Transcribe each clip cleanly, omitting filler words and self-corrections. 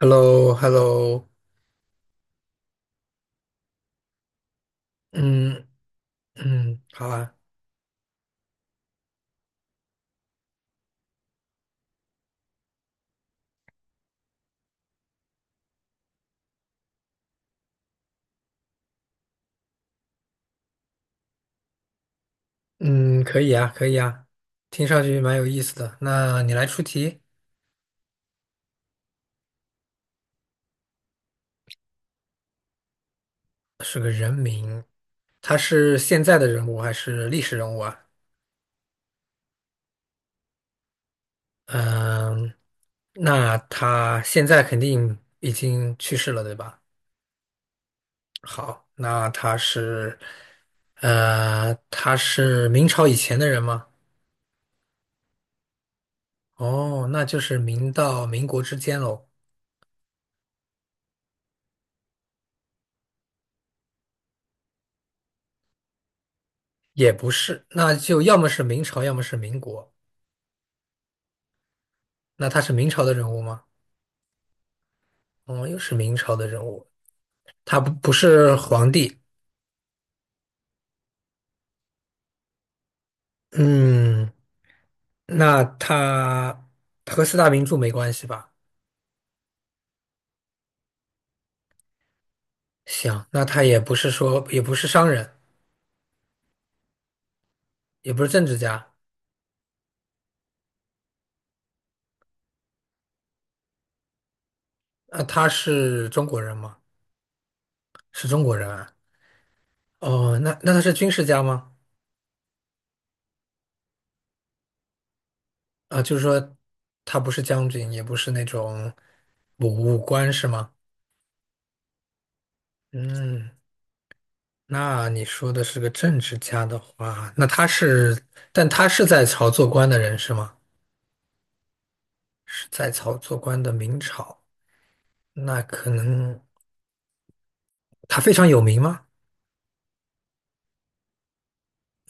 h e l l o h e l l o 嗯嗯，好啊，嗯，可以啊，可以啊，听上去蛮有意思的。那你来出题，是个人名，他是现在的人物还是历史人物啊？嗯，那他现在肯定已经去世了，对吧？好，那他是，他是明朝以前的人吗？哦，那就是明到民国之间喽，也不是，那就要么是明朝，要么是民国。那他是明朝的人物吗？哦，又是明朝的人物，他不是皇帝。嗯，那他和四大名著没关系吧？行，那他也不是说也不是商人，也不是政治家。那他是中国人吗？是中国人啊。哦，那他是军事家吗？啊，就是说他不是将军，也不是那种武官是吗？嗯，那你说的是个政治家的话，那他是，但他是在朝做官的人是吗？是在朝做官的明朝，那可能他非常有名吗？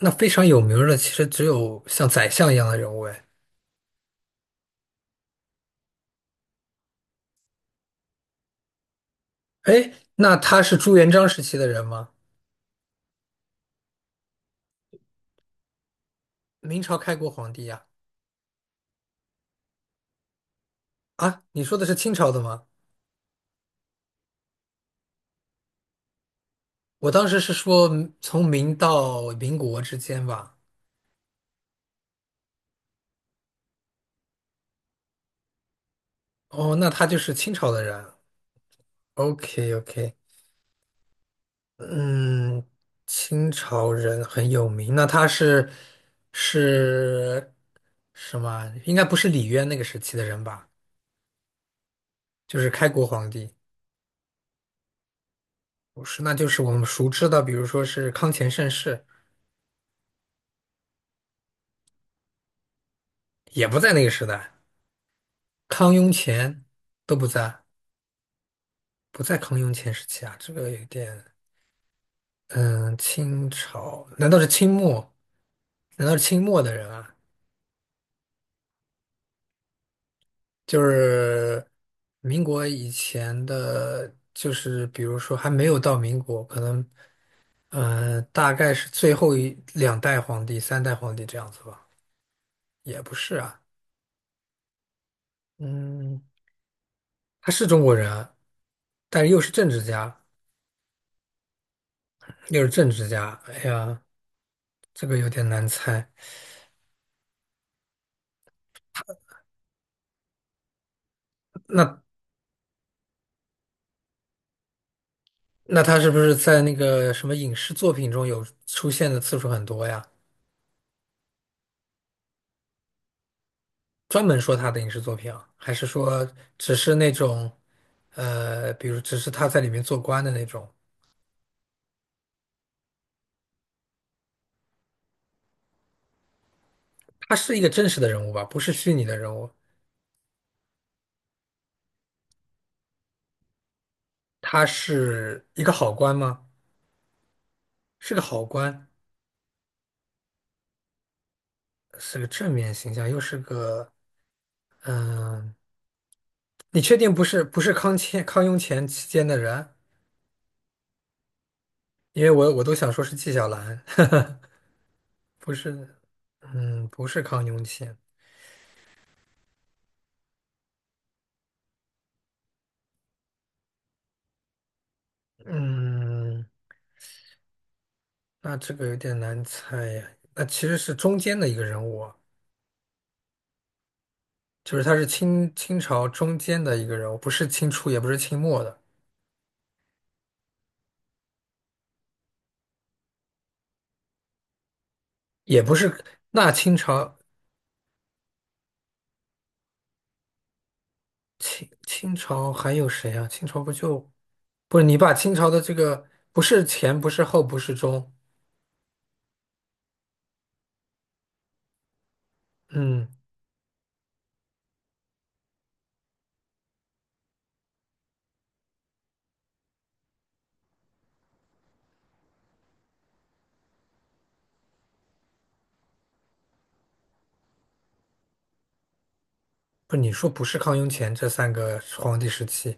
那非常有名儿的其实只有像宰相一样的人物哎。哎，那他是朱元璋时期的人吗？明朝开国皇帝呀、啊？啊你说的是清朝的吗？我当时是说嗯从明到民国之间吧。哦，那他就是清朝的人。OK OK。嗯，清朝人很有名，那他是什么？应该不是李渊那个时期的人吧？就是开国皇帝，不是，那就是我们熟知的，比如说是康乾盛世，也不在那个时代，康雍乾都不在，不在康雍乾时期啊，这个有点，嗯，清朝，难道是清末？难道是清末的人啊？就是民国以前的，就是比如说还没有到民国，可能大概是最后一两代皇帝、三代皇帝这样子吧，也不是啊，嗯，他是中国人啊，但是又是政治家，又是政治家，哎呀，这个有点难猜。那那他是不是在那个什么影视作品中有出现的次数很多呀？专门说他的影视作品啊，还是说只是那种，比如只是他在里面做官的那种？他是一个真实的人物吧，不是虚拟的人物。他是一个好官吗？是个好官，是个正面形象，又是个嗯、你确定不是康乾康雍乾期间的人？因为我都想说是纪晓岚，不是，嗯，不是康雍乾，嗯。那这个有点难猜呀。那其实是中间的一个人物啊，就是他是清朝中间的一个人物，不是清初，也不是清末的，也不是。那清朝清朝还有谁啊？清朝不就不是你把清朝的这个不是前，不是后，不是中，嗯，不是你说不是康雍乾这三个皇帝时期，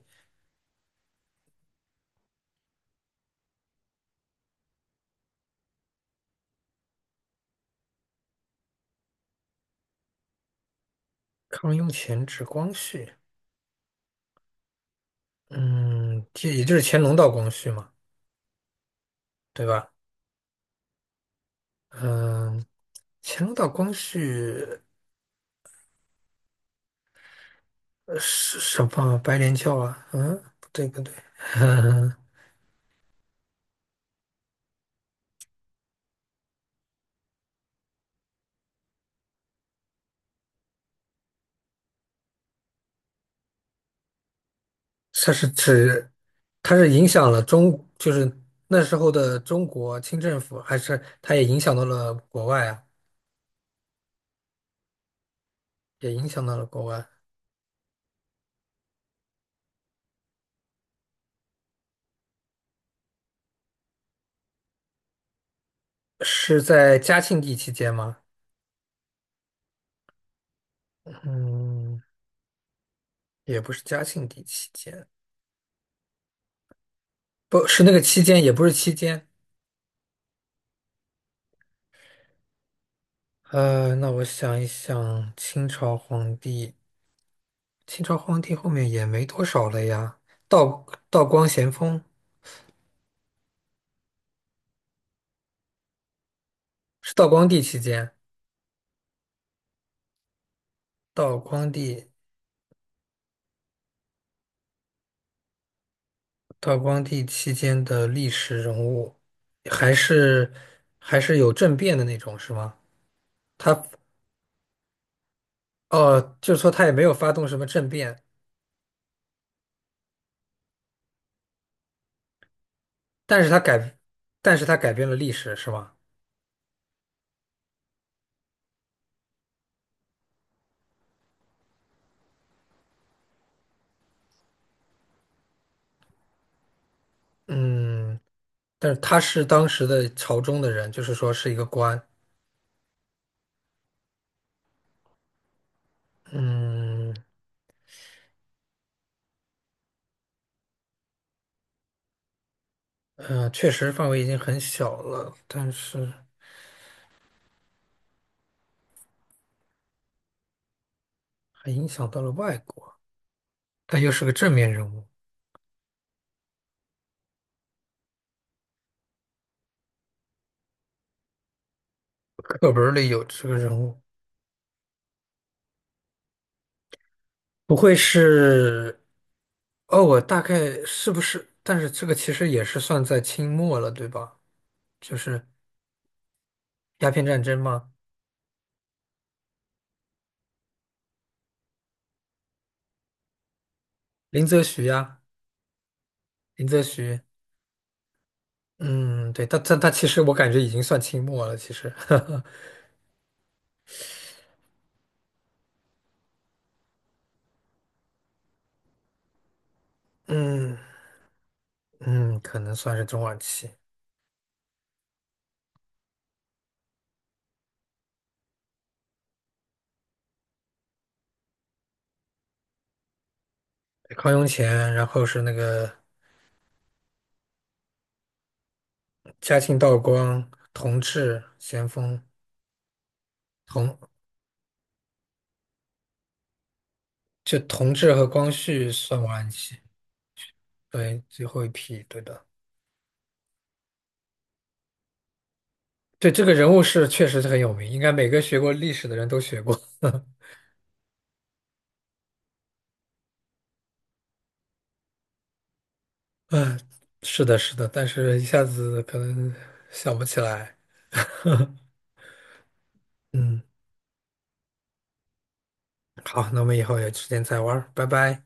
康雍乾至光绪，嗯，这也就是乾隆到光绪嘛，对吧？嗯，乾隆到光绪。什么白莲教啊？嗯，不对不对，它是指它是影响了中，就是那时候的中国清政府，还是它也影响到了国外啊？也影响到了国外，是在嘉庆帝期间吗？嗯，也不是嘉庆帝期间，不是那个期间，也不是期间。那我想一想，清朝皇帝，清朝皇帝后面也没多少了呀。道光咸丰是道光帝期间。道光帝，道光帝期间的历史人物，还是还是有政变的那种，是吗？他哦，就是说他也没有发动什么政变，但是他改，但是他改变了历史，是吗？嗯，但是他是当时的朝中的人，就是说是一个官。嗯嗯，确实范围已经很小了，但是还影响到了外国，但又是个正面人物，课本儿里有这个人物，不会是？哦，我大概是不是？但是这个其实也是算在清末了，对吧？就是鸦片战争嘛，林则徐呀、林则徐，嗯，对，他其实我感觉已经算清末了，其实，嗯嗯，可能算是中晚期。康雍乾，然后是那个嘉庆、道光、同治、咸丰、同同治和光绪算晚期，对，最后一批，对的，对，这个人物是确实是很有名，应该每个学过历史的人都学过。嗯，是的，是的，但是一下子可能想不起来。嗯，好，那我们以后有时间再玩儿拜拜。